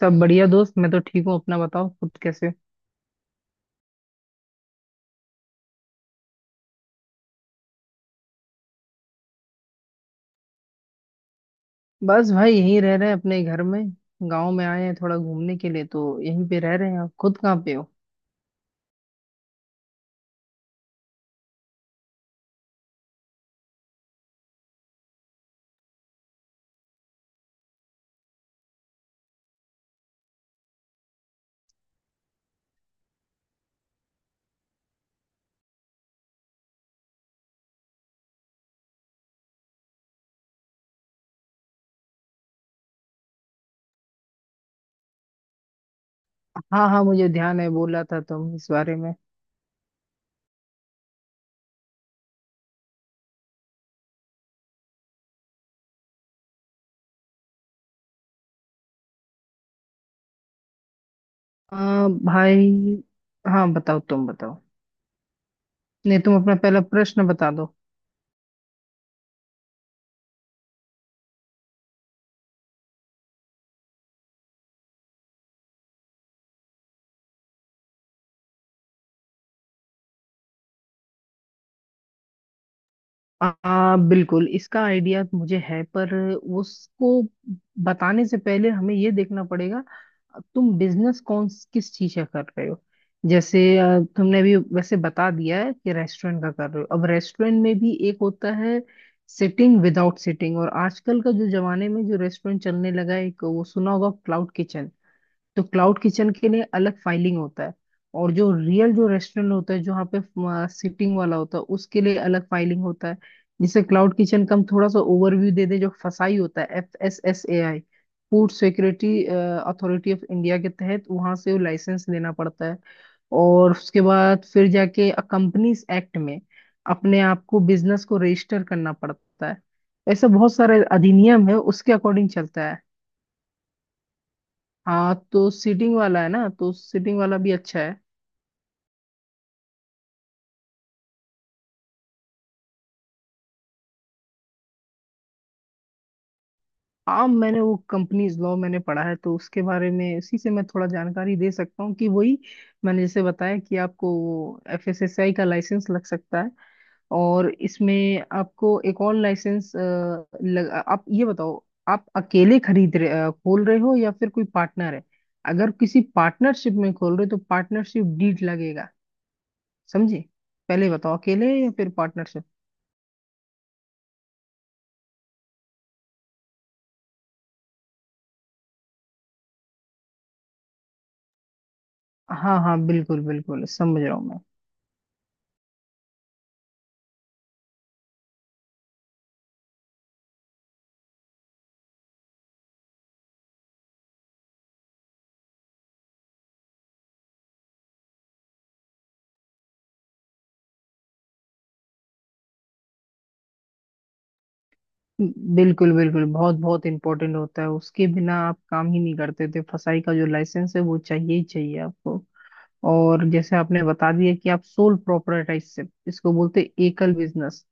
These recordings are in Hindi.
सब बढ़िया दोस्त। मैं तो ठीक हूँ, अपना बताओ, खुद कैसे हो? बस भाई, यहीं रह रहे हैं अपने घर में। गांव में आए हैं थोड़ा घूमने के लिए, तो यहीं पे रह रहे हैं। आप खुद कहाँ पे हो? हाँ हाँ, मुझे ध्यान है, बोला था तुम इस बारे में। भाई, हाँ बताओ, तुम बताओ। नहीं, तुम अपना पहला प्रश्न बता दो। बिल्कुल इसका आइडिया मुझे है, पर उसको बताने से पहले हमें ये देखना पड़ेगा तुम बिजनेस कौन किस चीज का कर रहे हो। जैसे तुमने अभी वैसे बता दिया है कि रेस्टोरेंट का कर रहे हो। अब रेस्टोरेंट में भी एक होता है सिटिंग, विदाउट सिटिंग, और आजकल का जो जमाने में जो रेस्टोरेंट चलने लगा है एक, वो सुना होगा, क्लाउड किचन। तो क्लाउड किचन के लिए अलग फाइलिंग होता है, और जो रियल जो रेस्टोरेंट होता है जहाँ पे सीटिंग वाला होता है उसके लिए अलग फाइलिंग होता है। जिसे क्लाउड किचन का हम थोड़ा सा ओवरव्यू दे दें, जो फसाई होता है, FSSAI, food security authority of India, के तहत वहां से वो लाइसेंस लेना पड़ता है। और उसके बाद फिर जाके कंपनीज एक्ट में अपने आप को, बिजनेस को रजिस्टर करना पड़ता है। ऐसा बहुत सारे अधिनियम है, उसके अकॉर्डिंग चलता है। हाँ, तो सीटिंग वाला है ना, तो सीटिंग वाला भी अच्छा है। हाँ, मैंने वो कंपनीज लॉ मैंने पढ़ा है, तो उसके बारे में उसी से मैं थोड़ा जानकारी दे सकता हूँ कि वही, मैंने जैसे बताया कि आपको वो FSSAI का लाइसेंस लग सकता है। और इसमें आपको एक और लाइसेंस लग, आप ये बताओ आप अकेले खोल रहे हो या फिर कोई पार्टनर है? अगर किसी पार्टनरशिप में खोल रहे हो तो पार्टनरशिप डीड लगेगा, समझे? पहले बताओ अकेले या फिर पार्टनरशिप। हाँ हाँ, बिल्कुल बिल्कुल समझ रहा हूँ मैं। बिल्कुल बिल्कुल, बहुत बहुत इंपॉर्टेंट होता है, उसके बिना आप काम ही नहीं करते थे। फसाई का जो लाइसेंस है वो चाहिए ही चाहिए आपको। और जैसे आपने बता दिया कि आप सोल प्रोप्राइटरशिप, इसको बोलते हैं एकल बिजनेस,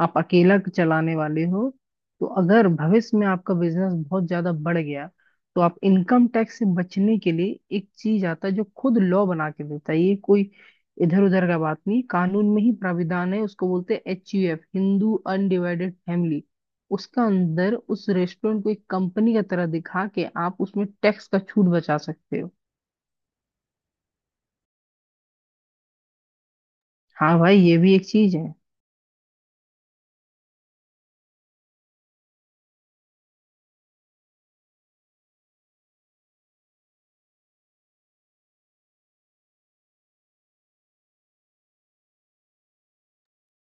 आप अकेला चलाने वाले हो। तो अगर भविष्य में आपका बिजनेस बहुत ज्यादा बढ़ गया, तो आप इनकम टैक्स से बचने के लिए, एक चीज आता है जो खुद लॉ बना के देता है, ये कोई इधर उधर का बात नहीं, कानून में ही प्राविधान है, उसको बोलते हैं HUF, हिंदू अनडिवाइडेड फैमिली। उसका अंदर उस रेस्टोरेंट को एक कंपनी का तरह दिखा के आप उसमें टैक्स का छूट बचा सकते हो। हाँ भाई, ये भी एक चीज है।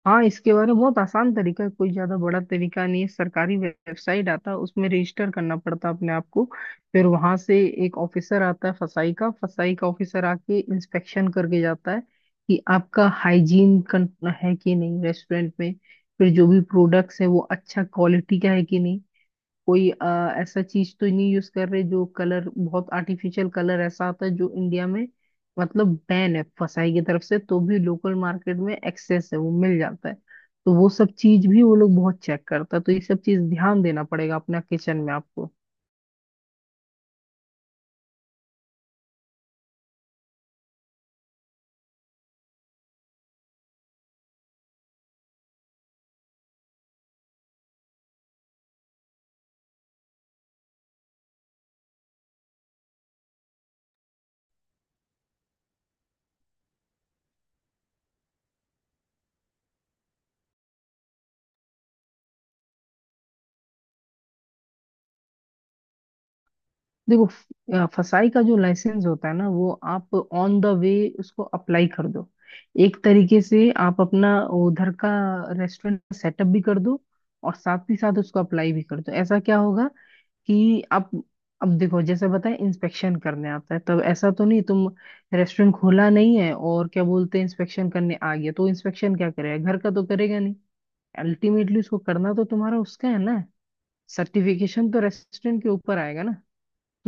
हाँ, इसके बारे में बहुत आसान तरीका है, कोई ज्यादा बड़ा तरीका नहीं है। सरकारी वेबसाइट आता है, उसमें रजिस्टर करना पड़ता है अपने आप को। फिर वहां से एक ऑफिसर आता है, फसाई का ऑफिसर आके इंस्पेक्शन करके जाता है कि आपका हाइजीन है कि नहीं रेस्टोरेंट में। फिर जो भी प्रोडक्ट्स है वो अच्छा क्वालिटी का है कि नहीं, कोई ऐसा चीज तो नहीं यूज कर रहे जो कलर, बहुत आर्टिफिशियल कलर ऐसा आता है जो इंडिया में मतलब बैन है फसाई की तरफ से, तो भी लोकल मार्केट में एक्सेस है, वो मिल जाता है। तो वो सब चीज भी वो लोग बहुत चेक करता है, तो ये सब चीज ध्यान देना पड़ेगा अपना किचन में आपको। देखो, फसाई का जो लाइसेंस होता है ना, वो आप ऑन द वे उसको अप्लाई कर दो। एक तरीके से आप अपना उधर का रेस्टोरेंट सेटअप भी कर दो और साथ ही साथ उसको अप्लाई भी कर दो। ऐसा क्या होगा कि आप, अब देखो जैसे बताए इंस्पेक्शन करने आता है, तब ऐसा तो नहीं तुम रेस्टोरेंट खोला नहीं है और क्या बोलते हैं इंस्पेक्शन करने आ गया, तो इंस्पेक्शन क्या करेगा, घर का तो करेगा नहीं। अल्टीमेटली उसको करना तो तुम्हारा उसका है ना। सर्टिफिकेशन तो रेस्टोरेंट के ऊपर आएगा ना। तो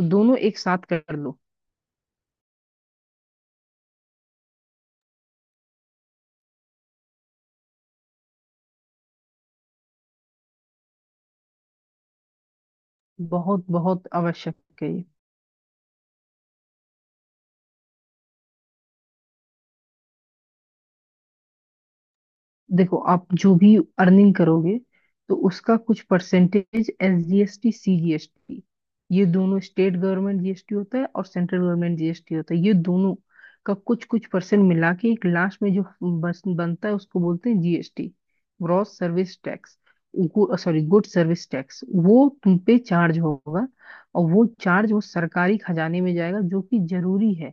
दोनों एक साथ कर लो। बहुत बहुत आवश्यक है। देखो, आप जो भी अर्निंग करोगे तो उसका कुछ परसेंटेज SGST, CGST, ये दोनों, स्टेट गवर्नमेंट GST होता है और सेंट्रल गवर्नमेंट जीएसटी होता है, ये दोनों का कुछ कुछ परसेंट मिला के एक लास्ट में जो बस बनता है, उसको बोलते हैं GST, gross service tax, sorry good service tax. वो तुम पे चार्ज होगा, और वो चार्ज वो सरकारी खजाने में जाएगा, जो कि जरूरी है।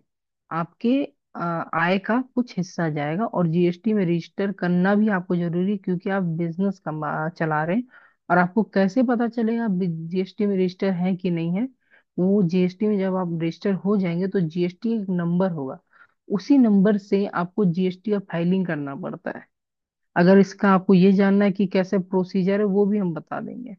आपके आ, आय का कुछ हिस्सा जाएगा। और जीएसटी में रजिस्टर करना भी आपको जरूरी है, क्योंकि आप बिजनेस कमा चला रहे हैं। और आपको कैसे पता चलेगा जीएसटी में रजिस्टर है कि नहीं है, वो जीएसटी में जब आप रजिस्टर हो जाएंगे तो जीएसटी एक नंबर होगा, उसी नंबर से आपको जीएसटी का फाइलिंग करना पड़ता है। अगर इसका आपको ये जानना है कि कैसे प्रोसीजर है, वो भी हम बता देंगे।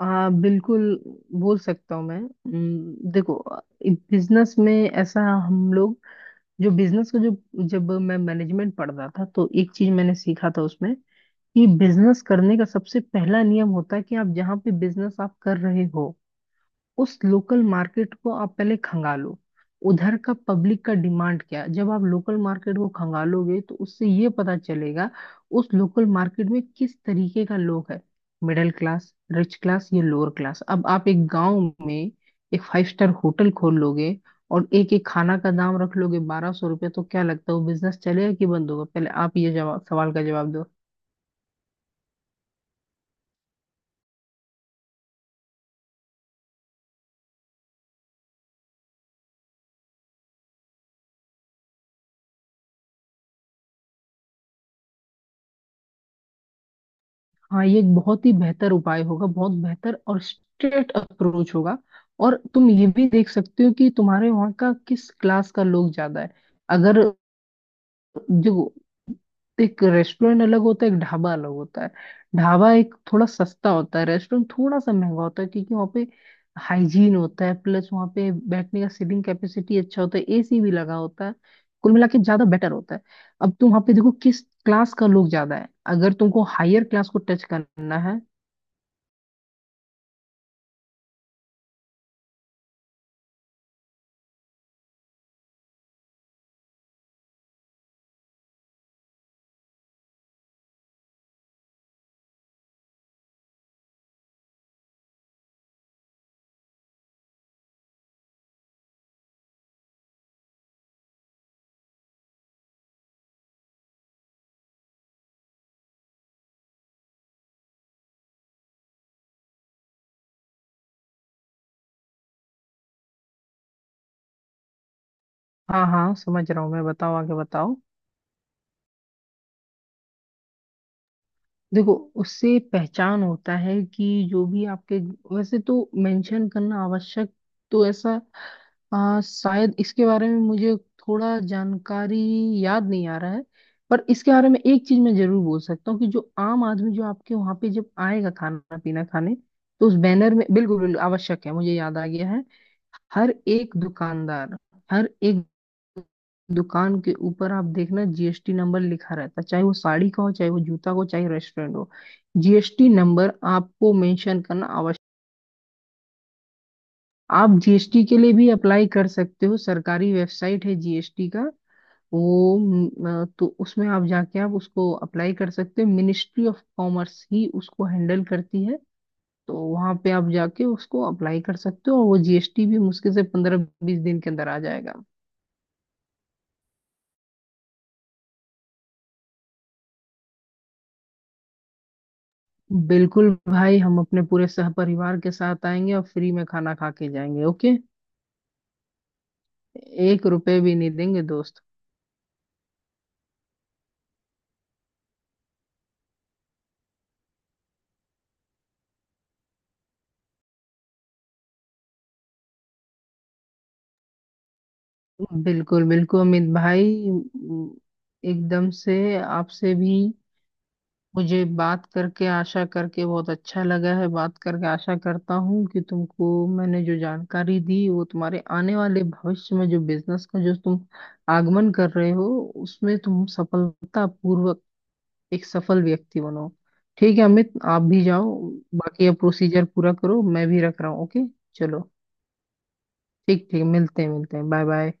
बिल्कुल बोल सकता हूँ मैं। देखो, बिजनेस में ऐसा, हम लोग जो बिजनेस का जो जब मैं मैनेजमेंट पढ़ रहा था तो एक चीज मैंने सीखा था उसमें, कि बिजनेस करने का सबसे पहला नियम होता है कि आप जहाँ पे बिजनेस आप कर रहे हो, उस लोकल मार्केट को आप पहले खंगालो। उधर का पब्लिक का डिमांड क्या है, जब आप लोकल मार्केट को खंगालोगे तो उससे ये पता चलेगा उस लोकल मार्केट में किस तरीके का लोग है, मिडिल क्लास, रिच क्लास, या लोअर क्लास। अब आप एक गांव में एक 5 स्टार होटल खोल लोगे और एक एक खाना का दाम रख लोगे 1200 रुपये, तो क्या लगता है वो बिजनेस चलेगा कि बंद होगा? पहले आप ये जवाब सवाल का जवाब दो। हाँ, ये एक बहुत ही बेहतर उपाय होगा, बहुत बेहतर और स्ट्रेट अप्रोच होगा। और तुम ये भी देख सकते हो कि तुम्हारे वहाँ का किस क्लास का लोग ज्यादा है। अगर जो एक रेस्टोरेंट अलग होता है, एक ढाबा अलग होता है। ढाबा एक थोड़ा सस्ता होता है, रेस्टोरेंट थोड़ा सा महंगा होता है, क्योंकि वहाँ पे हाइजीन होता है, प्लस वहाँ पे बैठने का सीटिंग कैपेसिटी अच्छा होता है, एसी भी लगा होता है, कुल मिला के ज्यादा बेटर होता है। अब तुम वहाँ पे देखो किस क्लास का लोग ज्यादा है, अगर तुमको हायर क्लास को टच करना है। हाँ हाँ, समझ रहा हूँ मैं, बताओ आगे बताओ। देखो, उससे पहचान होता है कि जो भी आपके, वैसे तो मेंशन करना आवश्यक, तो ऐसा, शायद इसके बारे में मुझे थोड़ा जानकारी याद नहीं आ रहा है। पर इसके बारे में एक चीज मैं जरूर बोल सकता हूँ कि जो आम आदमी जो आपके वहां पे जब आएगा खाना पीना खाने, तो उस बैनर में बिल्कुल बिल्कुल आवश्यक है, मुझे याद आ गया है। हर एक दुकानदार, हर एक दुकान के ऊपर आप देखना जीएसटी नंबर लिखा रहता है, चाहे वो साड़ी का हो, चाहे वो जूता का हो, चाहे रेस्टोरेंट हो। जीएसटी नंबर आपको मेंशन करना आवश्यक। आप जीएसटी के लिए भी अप्लाई कर सकते हो, सरकारी वेबसाइट है जीएसटी का। तो उसमें आप जाके आप उसको अप्लाई कर सकते हो, मिनिस्ट्री ऑफ कॉमर्स ही उसको हैंडल करती है। तो वहां पे आप जाके उसको अप्लाई कर सकते हो, और वो जीएसटी भी मुश्किल से 15-20 दिन के अंदर आ जाएगा। बिल्कुल भाई, हम अपने पूरे सहपरिवार के साथ आएंगे और फ्री में खाना खा के जाएंगे, ओके। एक रुपए भी नहीं देंगे दोस्त। बिल्कुल बिल्कुल अमित भाई, एकदम से आपसे भी, मुझे बात करके आशा करके बहुत अच्छा लगा है, बात करके आशा करता हूँ कि तुमको, मैंने जो जानकारी दी, वो तुम्हारे आने वाले भविष्य में जो बिजनेस का जो तुम आगमन कर रहे हो, उसमें तुम सफलता पूर्वक एक सफल व्यक्ति बनो। ठीक है अमित, आप भी जाओ। बाकी अब प्रोसीजर पूरा करो, मैं भी रख रहा हूँ, ओके। चलो ठीक ठीक, मिलते हैं, मिलते हैं, बाय बाय।